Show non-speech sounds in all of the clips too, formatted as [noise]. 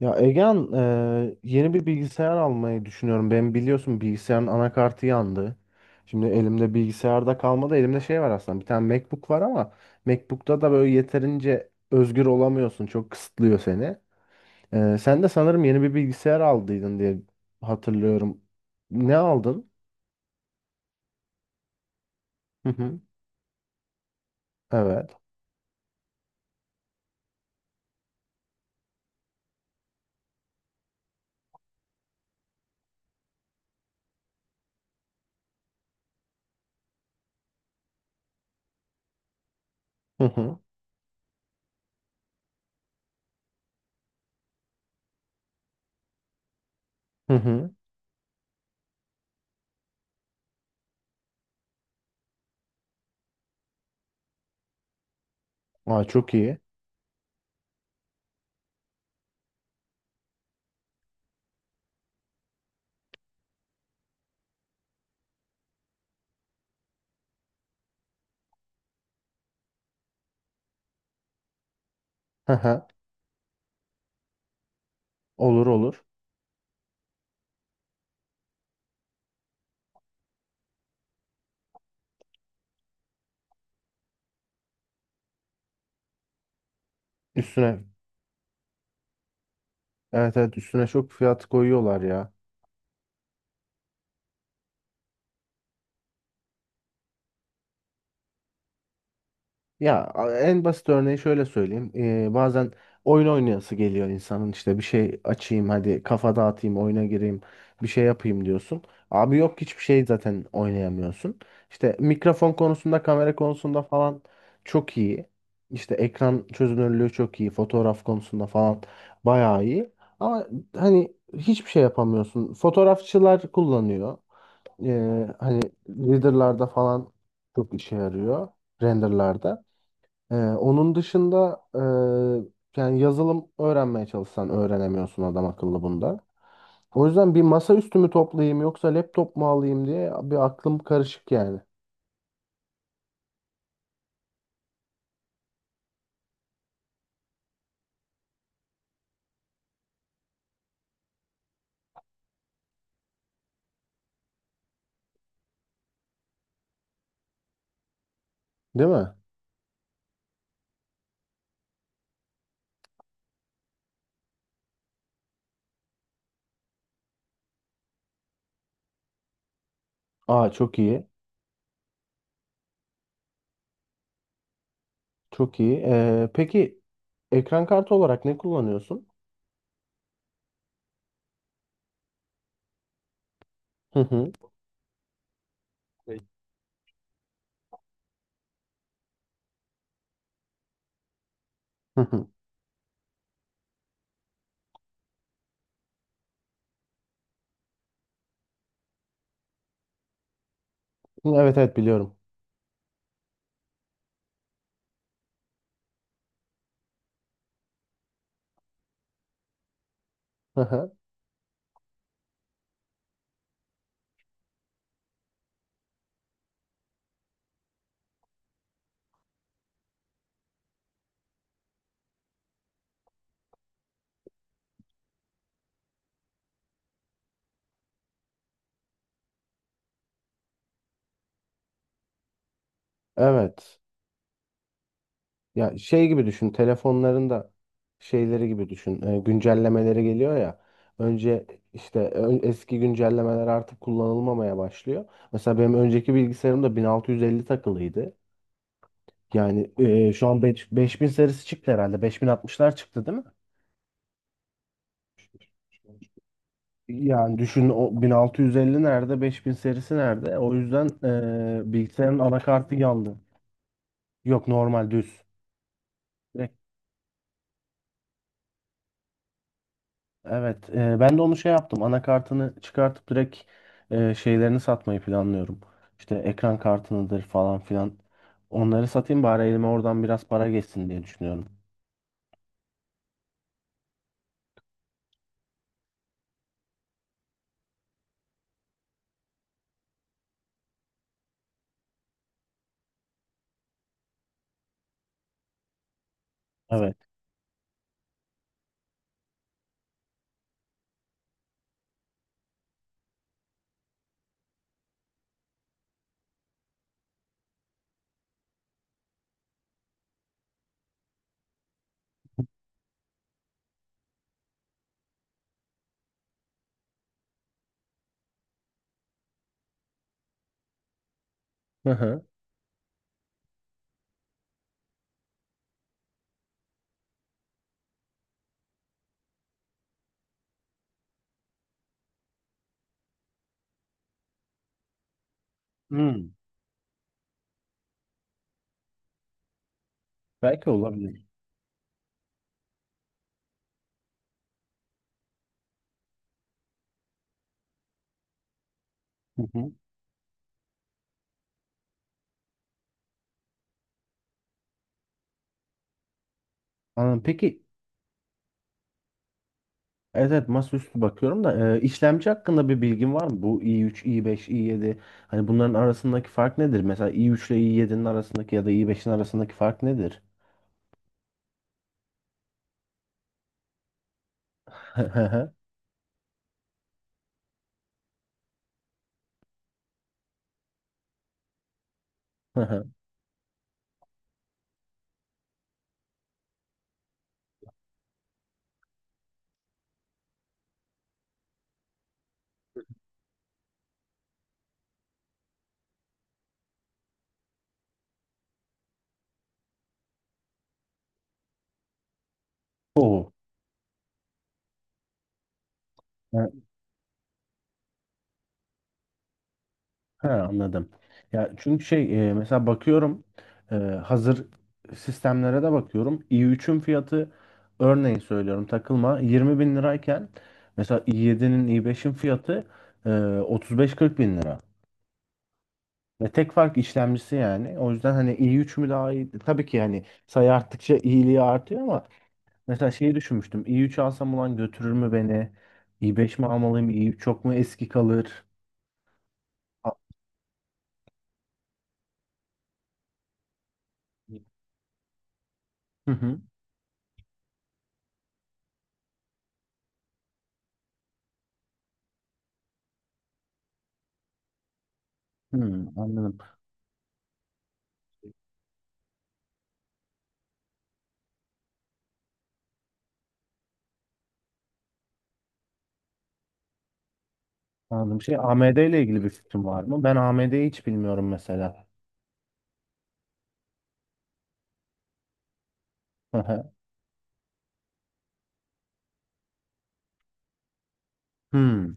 Ya Egehan, yeni bir bilgisayar almayı düşünüyorum. Ben biliyorsun bilgisayarın anakartı yandı. Şimdi elimde bilgisayarda kalmadı. Elimde şey var aslında. Bir tane MacBook var ama MacBook'ta da böyle yeterince özgür olamıyorsun. Çok kısıtlıyor seni. Sen de sanırım yeni bir bilgisayar aldıydın diye hatırlıyorum. Ne aldın? Hı hı. Evet. Hı hı. Hı hı. Aa, çok iyi. Hı hı. Olur, olur. Üstüne. Evet, evet, üstüne çok fiyat koyuyorlar ya. Ya, en basit örneği şöyle söyleyeyim. Bazen oyun oynayası geliyor insanın, işte bir şey açayım, hadi kafa dağıtayım, oyuna gireyim, bir şey yapayım diyorsun. Abi yok, hiçbir şey zaten oynayamıyorsun. İşte mikrofon konusunda, kamera konusunda falan çok iyi. İşte ekran çözünürlüğü çok iyi. Fotoğraf konusunda falan bayağı iyi. Ama hani hiçbir şey yapamıyorsun. Fotoğrafçılar kullanıyor. Hani renderlarda falan çok işe yarıyor. Renderlarda. Onun dışında, yani yazılım öğrenmeye çalışsan öğrenemiyorsun adam akıllı bunda. O yüzden bir masaüstü mü toplayayım yoksa laptop mu alayım diye bir aklım karışık yani. Değil mi? Aa, çok iyi. Çok iyi. Peki, ekran kartı olarak ne kullanıyorsun? Hı hı. Şey. Hı hı. Evet, evet, biliyorum. Hı hı. Evet. Ya şey gibi düşün, telefonların da şeyleri gibi düşün, güncellemeleri geliyor ya. Önce işte eski güncellemeler artık kullanılmamaya başlıyor. Mesela benim önceki bilgisayarımda 1650 takılıydı. Yani şu an 5000 serisi çıktı herhalde. 5060'lar çıktı değil mi? Yani düşün, o 1650 nerede, 5000 serisi nerede? O yüzden bilgisayarın anakartı yandı. Yok, normal düz. Evet, ben de onu şey yaptım. Anakartını çıkartıp direkt şeylerini satmayı planlıyorum. İşte ekran kartınıdır falan filan. Onları satayım bari, elime oradan biraz para geçsin diye düşünüyorum. Evet. Hı hı. Hmm, belki olabilir. Hı hı. Anladım. Peki. Evet, evet, masaüstü bakıyorum da işlemci hakkında bir bilgin var mı? Bu i3, i5, i7 hani bunların arasındaki fark nedir? Mesela i3 ile i7'nin arasındaki ya da i5'in arasındaki fark nedir? [laughs] Oo. Ha, ha, anladım. Ya çünkü şey, mesela bakıyorum, hazır sistemlere de bakıyorum. i3'ün fiyatı, örneğin söylüyorum takılma, 20 bin lirayken, mesela i7'nin, i5'in fiyatı e, 35-40 bin lira. Ve tek fark işlemcisi yani. O yüzden hani i3 mü daha iyi? Tabii ki, yani sayı arttıkça iyiliği artıyor, ama mesela şeyi düşünmüştüm. i3 alsam ulan götürür mü beni? i5 mi almalıyım? i3 çok mu eski kalır? A- Hı hı. Hı, anladım. Anladım. Şey, AMD ile ilgili bir fikrim var mı? Ben AMD'yi hiç bilmiyorum mesela. Hı hı. Hı,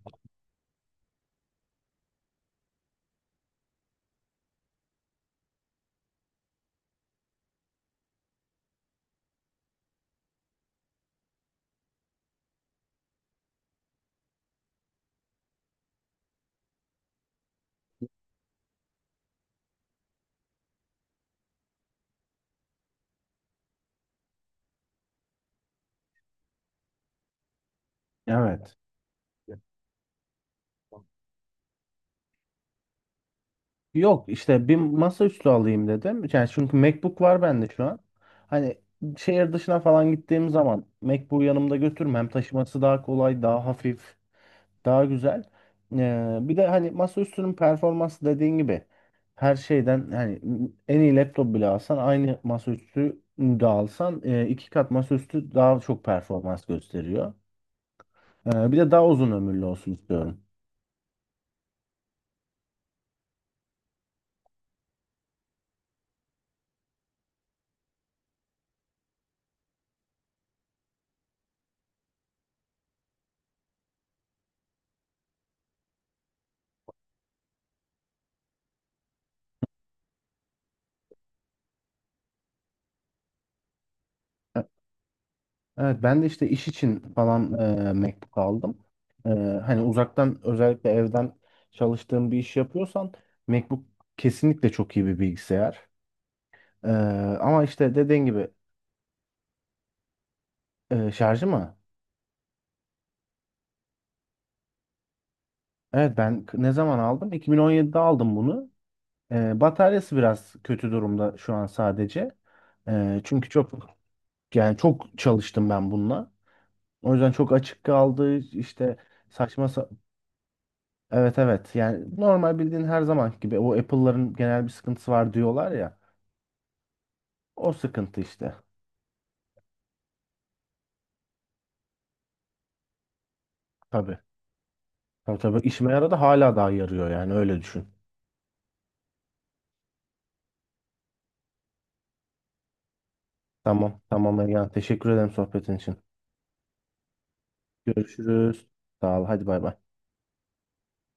evet. Yok, işte bir masaüstü alayım dedim. Yani çünkü MacBook var bende şu an. Hani şehir dışına falan gittiğim zaman MacBook'u yanımda götürmem. Hem taşıması daha kolay, daha hafif, daha güzel. Bir de hani masaüstünün performansı dediğin gibi her şeyden, hani en iyi laptop bile alsan, aynı masaüstü de alsan, iki kat masaüstü daha çok performans gösteriyor. Bir de daha uzun ömürlü olsun istiyorum. E- Evet, ben de işte iş için falan MacBook aldım. E, hani uzaktan, özellikle evden çalıştığım bir iş yapıyorsan, MacBook kesinlikle çok iyi bir bilgisayar. E, ama işte dediğin gibi, şarjı mı? Evet, ben ne zaman aldım? 2017'de aldım bunu. Bataryası biraz kötü durumda şu an sadece. Çünkü çok, yani çok çalıştım ben bununla. O yüzden çok açık kaldı işte, saçma sa- evet, evet, yani normal, bildiğin her zaman gibi, o Apple'ların genel bir sıkıntısı var diyorlar ya. O sıkıntı işte. Tabii. Tabii, tabii, işime yaradı, hala daha yarıyor yani, öyle düşün. Tamam, tamam Ergen, teşekkür ederim sohbetin için. Görüşürüz. Sağ ol, hadi bay bay.